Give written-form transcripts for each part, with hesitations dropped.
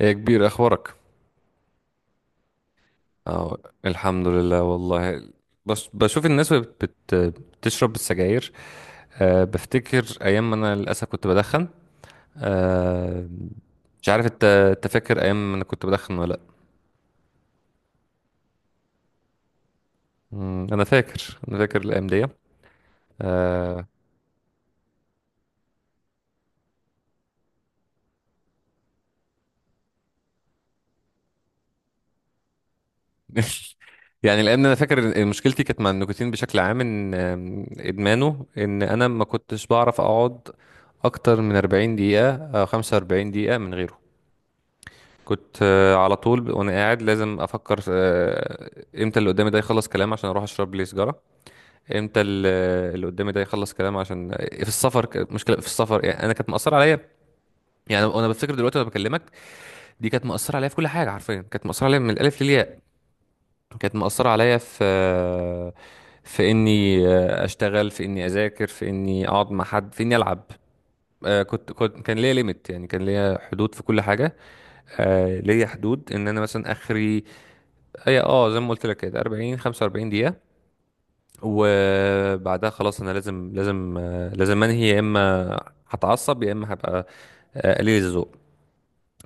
يا كبير، اخبارك؟ اه. الحمد لله والله. بس بشوف الناس وهي بتشرب السجاير. بفتكر ايام ما انا للاسف كنت بدخن. أه. مش عارف انت فاكر ايام ما انا كنت بدخن ولا لا؟ انا فاكر، انا فاكر الايام دي. أه. يعني الايام دي انا فاكر إن مشكلتي كانت مع النيكوتين بشكل عام، ان آم، ادمانه، ان انا ما كنتش بعرف اقعد اكتر من 40 دقيقة او 45 دقيقة من غيره. كنت على طول وانا قاعد لازم افكر امتى اللي قدامي ده يخلص كلام عشان اروح اشرب لي سيجاره. امتى اللي قدامي ده يخلص كلام، عشان في السفر مشكله في السفر، يعني انا كانت مأثره عليا. يعني انا بفتكر دلوقتي وانا بكلمك، دي كانت مأثره عليا في كل حاجه، حرفيا كانت مأثره عليا من الالف للياء. كانت مأثره عليا في في اني اشتغل، في اني اذاكر، في اني اقعد مع حد، في اني العب. آه، كنت كنت كان ليا ليميت، يعني كان ليا حدود في كل حاجه. ليا حدود ان انا مثلا اخري. هي اه زي ما قلت لك كده 40 45 دقيقة، وبعدها خلاص انا لازم، لازم انهي. يا اما هتعصب، يا اما هبقى قليل الذوق.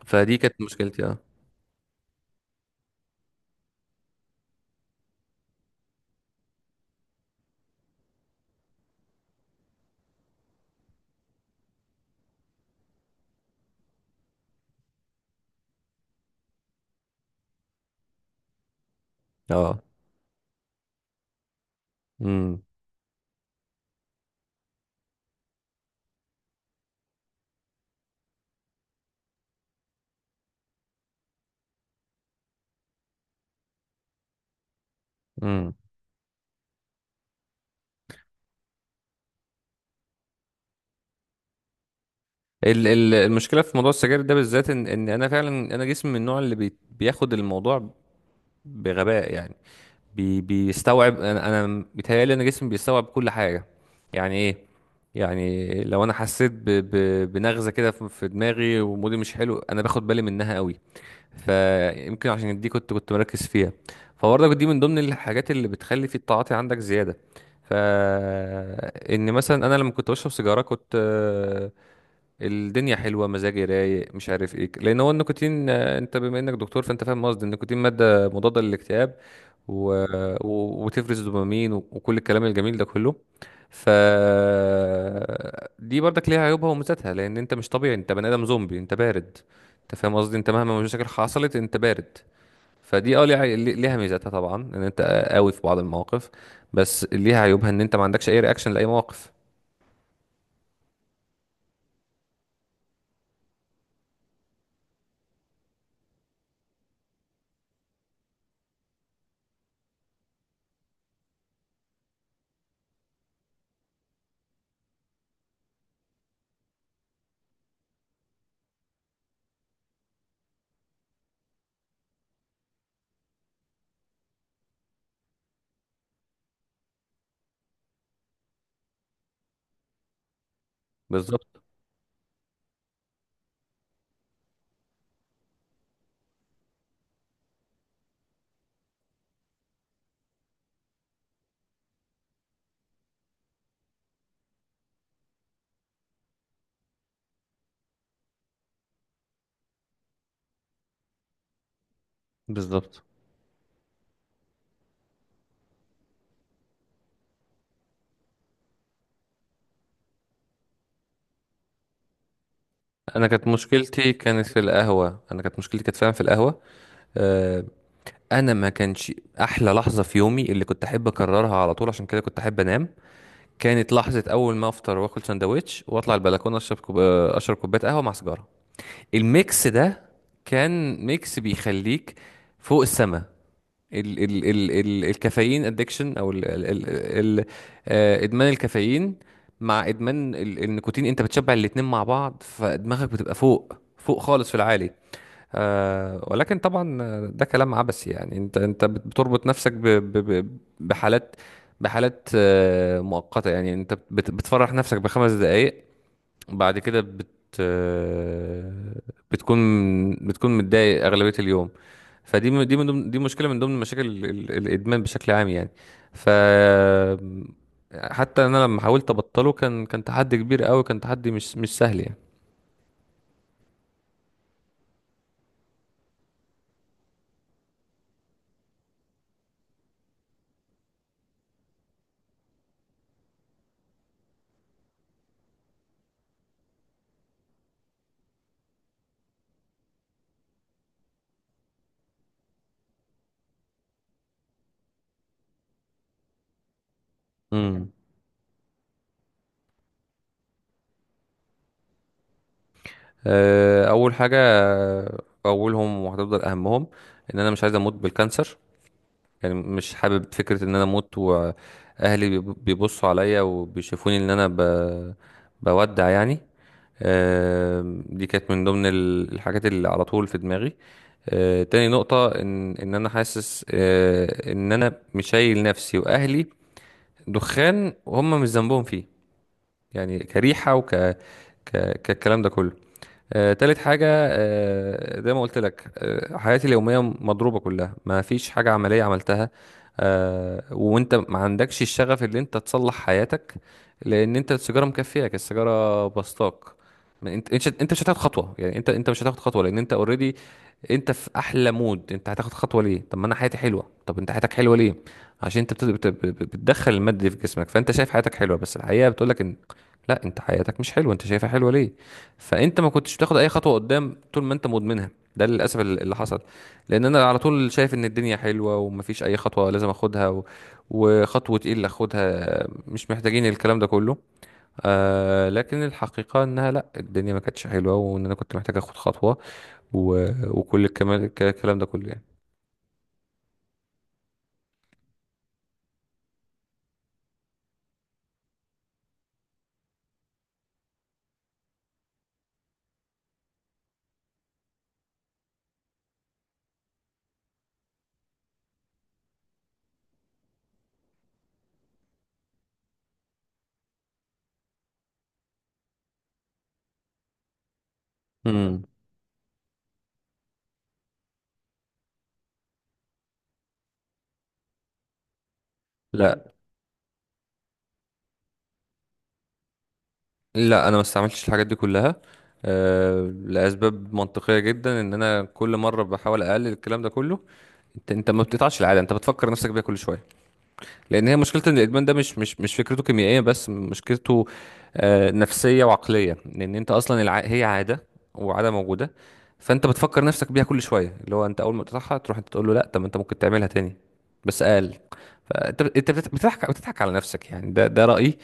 فدي كانت مشكلتي اه. اه. امم. امم. المشكله في موضوع السجاير ده بالذات، ان انا فعلا، انا جسمي من النوع اللي بياخد الموضوع بغباء يعني. بيستوعب، انا بيتهيألي ان جسمي بيستوعب كل حاجه. يعني ايه؟ يعني لو انا حسيت ب ب بنغزه كده في دماغي، ومودي مش حلو، انا باخد بالي منها قوي. فيمكن عشان دي كنت مركز فيها. فبرضك دي من ضمن الحاجات اللي بتخلي في التعاطي عندك زيادة. ف ان مثلا انا لما كنت بشرب سيجارة كنت الدنيا حلوه، مزاجي رايق، مش عارف ايه. لان هو النيكوتين انت بما انك دكتور فانت فاهم قصدي، النيكوتين ماده مضاده للاكتئاب. و... وتفرز دوبامين، وكل الكلام الجميل ده كله. ف دي برضك ليها عيوبها وميزاتها. لان انت مش طبيعي، انت بني ادم زومبي، انت بارد. انت فاهم قصدي، انت مهما المشاكل حصلت انت بارد. فدي اه ليها ميزاتها طبعا، ان انت قوي في بعض المواقف. بس ليها عيوبها، ان انت ما عندكش اي رياكشن لاي موقف. بالظبط. بالظبط. انا كانت مشكلتي كانت في القهوه، انا كانت مشكلتي كانت فعلا في القهوه. آه، انا ما كانش... احلى لحظه في يومي اللي كنت احب اكررها على طول، عشان كده كنت احب انام، كانت لحظه اول ما افطر واكل سندوتش واطلع البلكونه اشرب كوب... آه، اشرب كوبايه قهوه مع سيجاره. الميكس ده كان ميكس بيخليك فوق السما. ال ال ال ال الكافيين ادكشن، او ال ال ال ال آه، ادمان الكافيين مع ادمان النيكوتين. انت بتشبع الاتنين مع بعض، فدماغك بتبقى فوق، فوق خالص، في العالي. آه، ولكن طبعا ده كلام عبثي يعني. انت بتربط نفسك ب ب ب بحالات، بحالات آه مؤقتة. يعني انت بتفرح نفسك بخمس دقايق، بعد كده بت آه، بتكون، بتكون متضايق أغلبية اليوم. فدي دي من ضمن، دي مشكله من ضمن مشاكل الادمان بشكل عام يعني. ف حتى انا لما حاولت ابطله كان تحدي كبير قوي، كان تحدي مش سهل يعني. امم. اول حاجه، اولهم وهتفضل اهمهم، ان انا مش عايز اموت بالكانسر. يعني مش حابب فكره ان انا اموت واهلي بيبصوا عليا وبيشوفوني ان انا بودع يعني. دي كانت من ضمن الحاجات اللي على طول في دماغي. تاني نقطة، إن أنا حاسس إن أنا مش شايل نفسي وأهلي دخان وهم مش ذنبهم فيه. يعني كريحة، كالكلام ده كله. تالت حاجة، زي ما قلت لك، حياتي اليومية مضروبة كلها، ما فيش حاجة عملية عملتها. وانت ما عندكش الشغف اللي انت تصلح حياتك، لان انت السيجارة مكفياك، السيجارة بسطاك. ما انت انت مش هتاخد خطوة، يعني انت مش هتاخد خطوة لان انت اوريدي. انت في احلى مود، انت هتاخد خطوة ليه؟ طب ما انا حياتي حلوة. طب انت حياتك حلوة ليه؟ عشان انت بتدخل المادة دي في جسمك، فانت شايف حياتك حلوة، بس الحقيقة بتقولك ان لا، انت حياتك مش حلوة. انت شايفها حلوة ليه؟ فانت ما كنتش بتاخد اي خطوه قدام طول ما انت مدمنها. ده للاسف اللي حصل. لان انا على طول شايف ان الدنيا حلوه ومفيش اي خطوه لازم اخدها. وخطوه ايه اللي اخدها، مش محتاجين الكلام ده كله. آه لكن الحقيقه انها لا، الدنيا ما كانتش حلوه، وان انا كنت محتاج اخد خطوه. و... وكل الكلام ده كله يعني. امم. لا، لا انا ما استعملتش الحاجات دي كلها. آه، لاسباب منطقيه جدا، ان انا كل مره بحاول اقلل الكلام ده كله. انت ما بتقطعش العاده، انت بتفكر نفسك بيها كل شويه. لان هي مشكله، ان الادمان ده مش فكرته كيميائيه بس، مشكلته نفسيه وعقليه. لان انت اصلا هي عاده، وعاده موجوده. فانت بتفكر نفسك بيها كل شويه، اللي هو انت اول ما تقطعها تروح انت تقول له لا، طب انت ممكن تعملها تاني بس اقل. فانت بتضحك، بتضحك على نفسك يعني. ده رايي.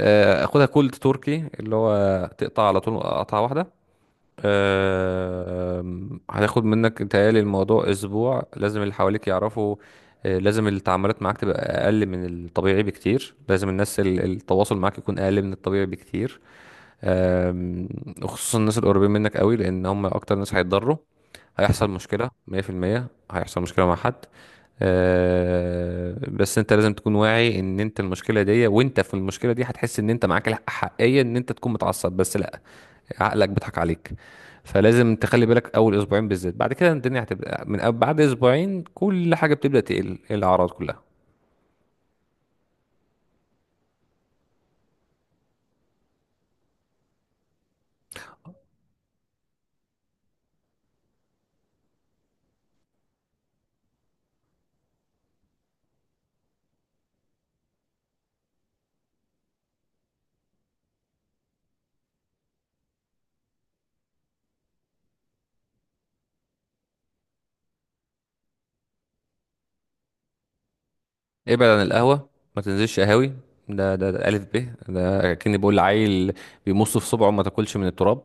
خدها كولد تركي، اللي هو تقطع على طول قطعه واحده. هتاخد منك تهيألي الموضوع أسبوع. لازم اللي حواليك يعرفوا. لازم التعاملات معاك تبقى أقل من الطبيعي بكتير، لازم الناس التواصل معاك يكون أقل من الطبيعي بكتير. آم، وخصوصا الناس القريبين منك قوي، لأن هم أكتر ناس هيتضروا. هيحصل مشكلة 100%، هيحصل مشكلة مع حد. بس انت لازم تكون واعي ان انت المشكله دي، وانت في المشكله دي هتحس ان انت معاك الحقيه ان انت تكون متعصب، بس لا، عقلك بيضحك عليك. فلازم تخلي بالك اول اسبوعين بالذات. بعد كده الدنيا هتبقى بعد اسبوعين كل حاجه بتبدا تقل، إيه الاعراض كلها. ابعد عن القهوة، ما تنزلش قهاوي. ده ألف ب. ده كأني بقول لعيل بيمص في صبعه ما تاكلش من التراب.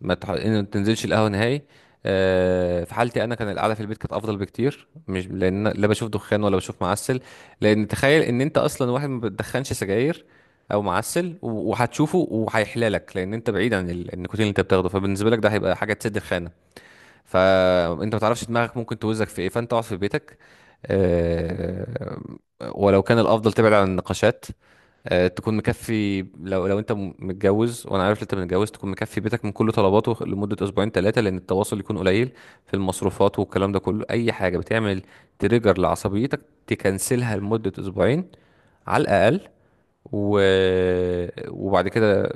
ما تح... إن ما تنزلش القهوة نهائي. في حالتي انا كان القعده في البيت كانت افضل بكتير، مش لان أنا لا بشوف دخان ولا بشوف معسل. لان تخيل ان انت اصلا واحد ما بتدخنش سجاير او معسل، وهتشوفه وهيحلالك، لان انت بعيد عن النيكوتين اللي انت بتاخده، فبالنسبه لك ده هيبقى حاجه تسد الخانه. فانت ما تعرفش دماغك ممكن توزك في ايه، فانت اقعد في بيتك. آه، ولو كان الافضل تبعد عن النقاشات. تكون مكفي، لو انت متجوز، وانا عارف إن انت متجوز، تكون مكفي بيتك من كل طلباته لمده اسبوعين ثلاثه، لان التواصل يكون قليل. في المصروفات والكلام ده كله، اي حاجه بتعمل تريجر لعصبيتك، تكنسلها لمده اسبوعين على الاقل. و... وبعد كده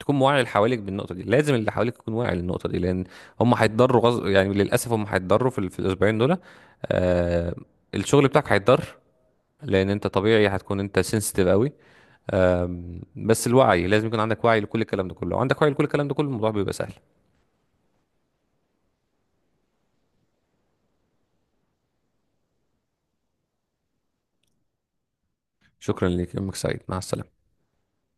تكون واعي، اللي حواليك بالنقطه دي، لازم اللي حواليك يكون واعي للنقطه دي. لان هم هيتضروا يعني للاسف هم هيتضروا في الاسبوعين دول. آه... الشغل بتاعك هيتضر، لان انت طبيعي هتكون انت سنسيتيف قوي. بس الوعي لازم يكون عندك وعي لكل الكلام ده كله، لو عندك وعي لكل الكلام ده كله الموضوع بيبقى سهل. شكرا ليك، يومك سعيد، مع السلامه.